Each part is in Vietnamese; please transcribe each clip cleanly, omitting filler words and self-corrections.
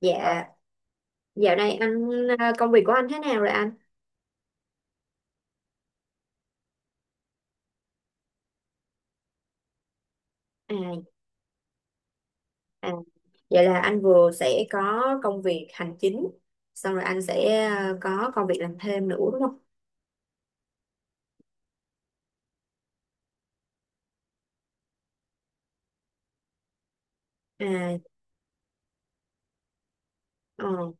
Dạ, dạo này anh công việc của anh thế nào rồi anh? À, à, vậy là anh vừa sẽ có công việc hành chính, xong rồi anh sẽ có công việc làm thêm nữa đúng không? À, ờ.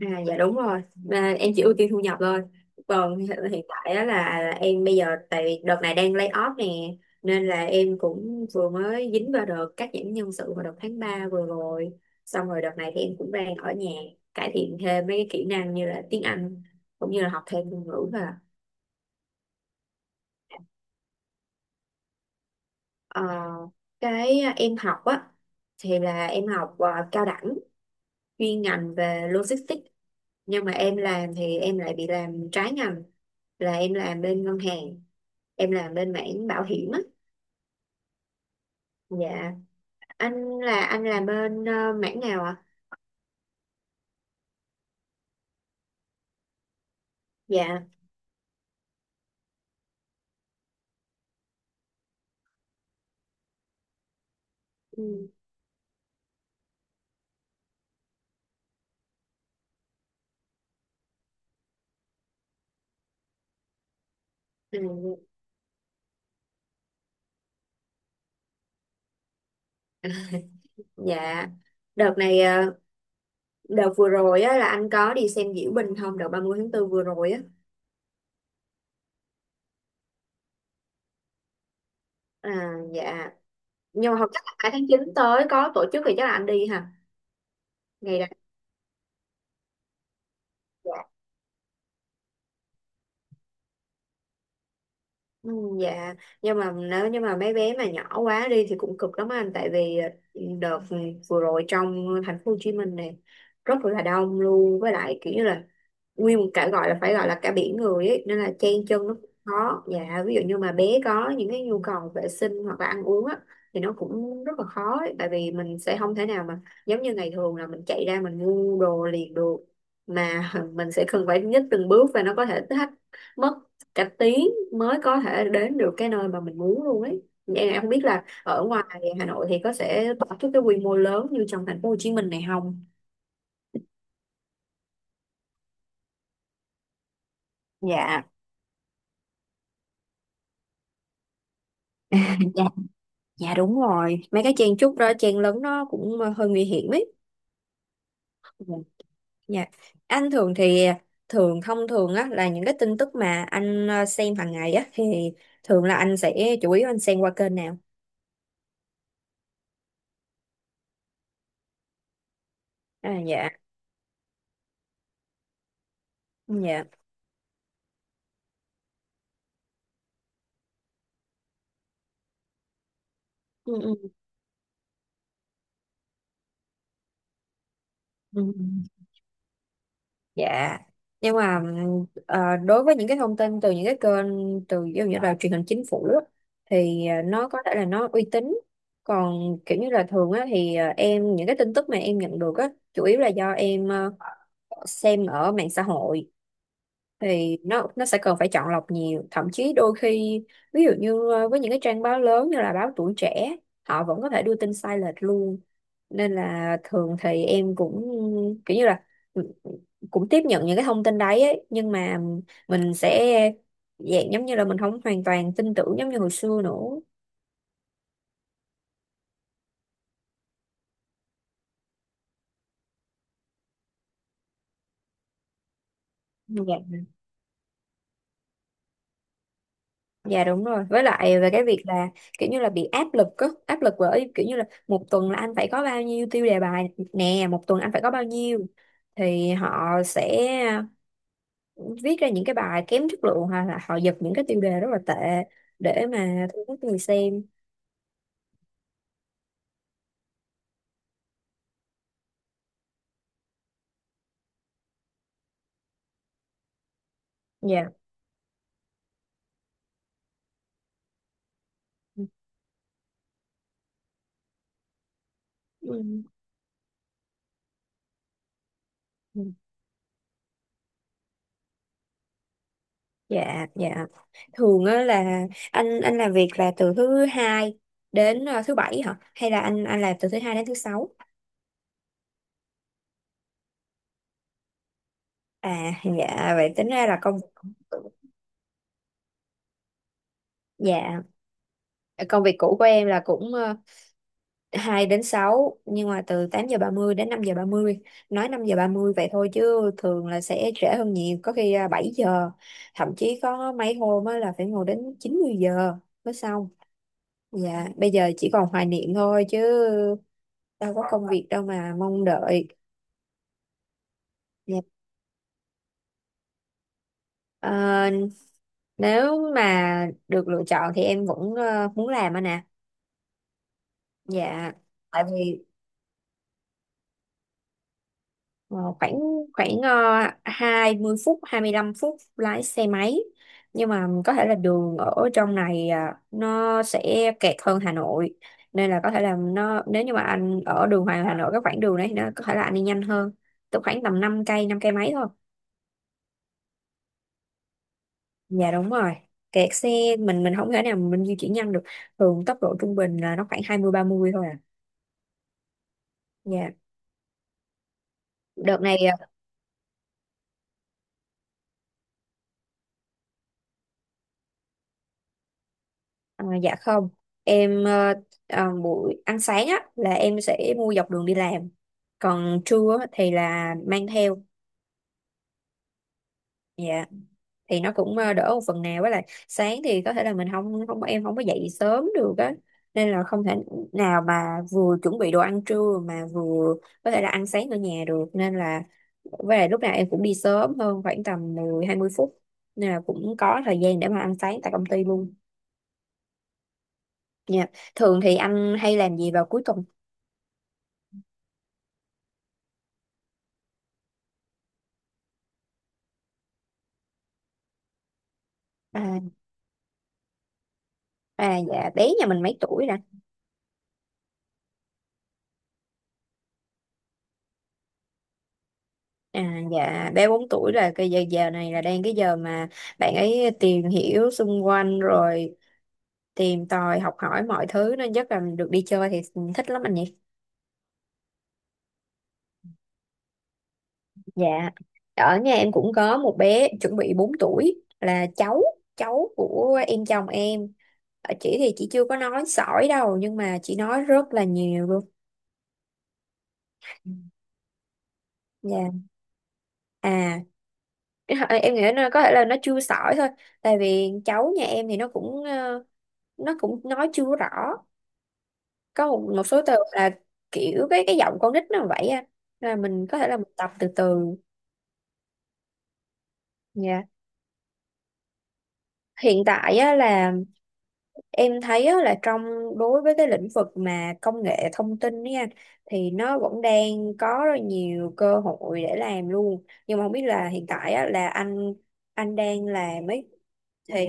À, dạ đúng rồi, em chỉ ưu tiên thu nhập thôi, còn hiện tại á là em bây giờ tại vì đợt này đang lay off nè, nên là em cũng vừa mới dính vào đợt cắt giảm nhân sự vào đợt tháng 3 vừa rồi. Xong rồi đợt này thì em cũng đang ở nhà cải thiện thêm mấy cái kỹ năng như là tiếng Anh, cũng như là học thêm ngôn ngữ và ờ, cái em học á thì là em học cao đẳng chuyên ngành về logistics, nhưng mà em làm thì em lại bị làm trái ngành, là em làm bên ngân hàng, em làm bên mảng bảo hiểm á. Dạ, anh là anh làm bên mảng nào ạ? Dạ. Ừ. Ừ. Dạ, đợt này ờ, đợt vừa rồi á là anh có đi xem diễu binh không, đợt 30 tháng 4 vừa rồi á? À, dạ, nhưng mà không chắc là 2 tháng 9 tới có tổ chức, thì chắc là anh đi hả? Ngày đó. Ừ, dạ, nhưng mà nếu như mà mấy bé mà nhỏ quá đi thì cũng cực lắm anh, tại vì đợt vừa rồi trong thành phố Hồ Chí Minh này rất là đông luôn, với lại kiểu như là nguyên một cả gọi là phải gọi là cả biển người ấy, nên là chen chân nó cũng khó. Dạ, ví dụ như mà bé có những cái nhu cầu vệ sinh hoặc là ăn uống á thì nó cũng rất là khó ấy, tại vì mình sẽ không thể nào mà giống như ngày thường là mình chạy ra mình mua đồ liền được, mà mình sẽ cần phải nhích từng bước và nó có thể thách mất cả tiếng mới có thể đến được cái nơi mà mình muốn luôn ấy. Em không biết là ở ngoài Hà Nội thì có sẽ tổ chức cái quy mô lớn như trong thành phố Hồ Chí Minh này không? Dạ. Dạ, dạ đúng rồi. Mấy cái chen chúc đó, chen lấn nó cũng hơi nguy hiểm ấy. Ừ, dạ. Anh thường thì thường thông thường á là những cái tin tức mà anh xem hàng ngày á thì thường là anh sẽ chủ yếu anh xem qua kênh nào? À, dạ. Dạ. Ừ, ừ, ừ. Dạ. Nhưng mà đối với những cái thông tin từ những cái kênh từ ví dụ như là truyền hình chính phủ á, thì nó có thể là nó uy tín. Còn kiểu như là thường á thì em, những cái tin tức mà em nhận được á chủ yếu là do em xem ở mạng xã hội, thì nó sẽ cần phải chọn lọc nhiều, thậm chí đôi khi ví dụ như với những cái trang báo lớn như là báo Tuổi Trẻ, họ vẫn có thể đưa tin sai lệch luôn, nên là thường thì em cũng kiểu như là cũng tiếp nhận những cái thông tin đấy ấy, nhưng mà mình sẽ dạng giống như là mình không hoàn toàn tin tưởng giống như hồi xưa nữa. Dạ, dạ đúng rồi, với lại về cái việc là kiểu như là bị áp lực á, áp lực bởi kiểu như là một tuần là anh phải có bao nhiêu tiêu đề bài nè, một tuần anh phải có bao nhiêu, thì họ sẽ viết ra những cái bài kém chất lượng hoặc là họ giật những cái tiêu đề rất là tệ để mà thu hút người xem. Dạ. Ừ. Dạ, dạ. Thường á là anh làm việc là từ thứ hai đến thứ bảy hả? Hay là anh làm từ thứ hai đến thứ sáu? À, dạ vậy tính ra là dạ công việc cũ của em là cũng 2 đến sáu, nhưng mà từ 8 giờ 30 đến 5 giờ 30. Nói 5 giờ 30 vậy thôi chứ thường là sẽ trễ hơn nhiều, có khi 7 giờ, thậm chí có mấy hôm á là phải ngồi đến 90 giờ mới xong. Dạ, bây giờ chỉ còn hoài niệm thôi, chứ đâu có công việc đâu mà mong đợi. Dạ. Ờ, nếu mà được lựa chọn thì em vẫn muốn làm anh nè. Dạ, tại vì ờ, khoảng khoảng 20 phút 25 phút lái xe máy, nhưng mà có thể là đường ở trong này à, nó sẽ kẹt hơn Hà Nội, nên là có thể là nó, nếu như mà anh ở đường Hoàng Hà Nội cái khoảng đường đấy thì nó có thể là anh đi nhanh hơn. Tức khoảng tầm 5 cây, 5 cây mấy thôi. Dạ đúng rồi, kẹt xe mình không thể nào mình di chuyển nhanh được, thường tốc độ trung bình là nó khoảng 20, 30 thôi à. Dạ, đợt này ờ, dạ không, em buổi ăn sáng á là em sẽ mua dọc đường đi làm, còn trưa á thì là mang theo. Dạ, thì nó cũng đỡ một phần nào, với lại sáng thì có thể là mình không không em không có dậy sớm được á, nên là không thể nào mà vừa chuẩn bị đồ ăn trưa mà vừa có thể là ăn sáng ở nhà được. Nên là với lại lúc nào em cũng đi sớm hơn khoảng tầm 10, 20 phút, nên là cũng có thời gian để mà ăn sáng tại công ty luôn. Dạ. Thường thì anh hay làm gì vào cuối tuần? À, à dạ bé nhà mình mấy tuổi? À, dạ bé 4 tuổi là cái giờ giờ này là đang cái giờ mà bạn ấy tìm hiểu xung quanh rồi tìm tòi học hỏi mọi thứ, nên chắc là được đi chơi thì thích lắm anh nhỉ. Dạ, ở nhà em cũng có một bé chuẩn bị 4 tuổi là cháu cháu của em, chồng em. Ờ, chị thì chị chưa có nói sỏi đâu, nhưng mà chị nói rất là nhiều luôn. Dạ. À, em nghĩ là có thể là nó chưa sỏi thôi, tại vì cháu nhà em thì nó cũng nó cũng nói chưa rõ, có một số từ là kiểu cái giọng con nít nó vậy á, là mình có thể là mình tập từ từ nha. Hiện tại á là em thấy á là đối với cái lĩnh vực mà công nghệ thông tin nha, thì nó vẫn đang có rất nhiều cơ hội để làm luôn, nhưng mà không biết là hiện tại á là anh đang làm ấy, thì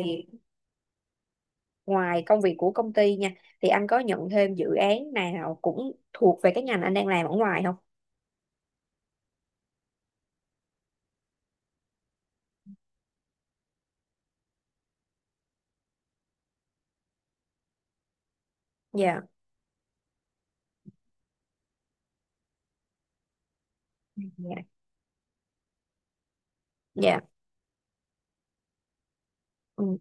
ngoài công việc của công ty nha, thì anh có nhận thêm dự án nào cũng thuộc về cái ngành anh đang làm ở ngoài không? Dạ. Dạ. Dạ. Ừ.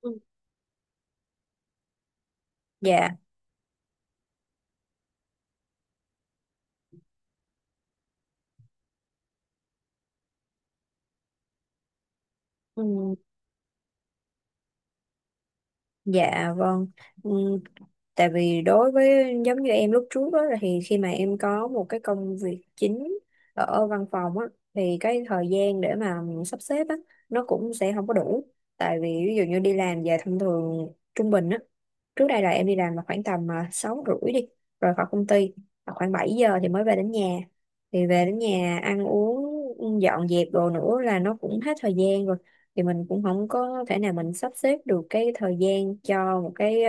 Ừ. Dạ. Ừ, dạ vâng. Ừ, tại vì đối với giống như em lúc trước đó, thì khi mà em có một cái công việc chính ở văn phòng á, thì cái thời gian để mà sắp xếp á, nó cũng sẽ không có đủ. Tại vì ví dụ như đi làm về thông thường, trung bình á, trước đây là em đi làm là khoảng tầm 6 rưỡi đi, rồi khỏi công ty là khoảng 7 giờ thì mới về đến nhà, thì về đến nhà ăn uống dọn dẹp đồ nữa là nó cũng hết thời gian rồi, thì mình cũng không có thể nào mình sắp xếp được cái thời gian cho một cái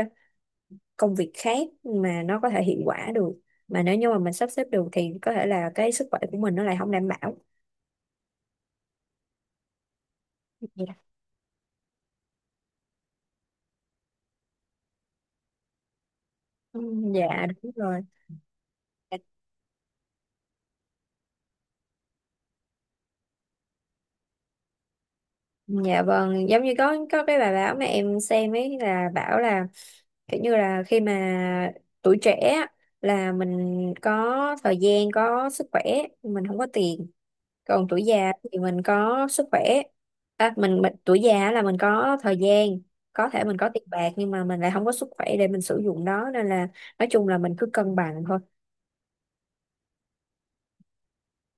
công việc khác mà nó có thể hiệu quả được, mà nếu như mà mình sắp xếp được thì có thể là cái sức khỏe của mình nó lại không đảm bảo. Ừ, dạ đúng rồi. Dạ vâng, giống như có cái bài báo mà em xem ấy là bảo là kiểu như là khi mà tuổi trẻ á, là mình có thời gian, có sức khỏe, mình không có tiền, còn tuổi già thì mình có sức khỏe. Mình tuổi già là mình có thời gian, có thể mình có tiền bạc nhưng mà mình lại không có sức khỏe để mình sử dụng nó, nên là nói chung là mình cứ cân bằng thôi.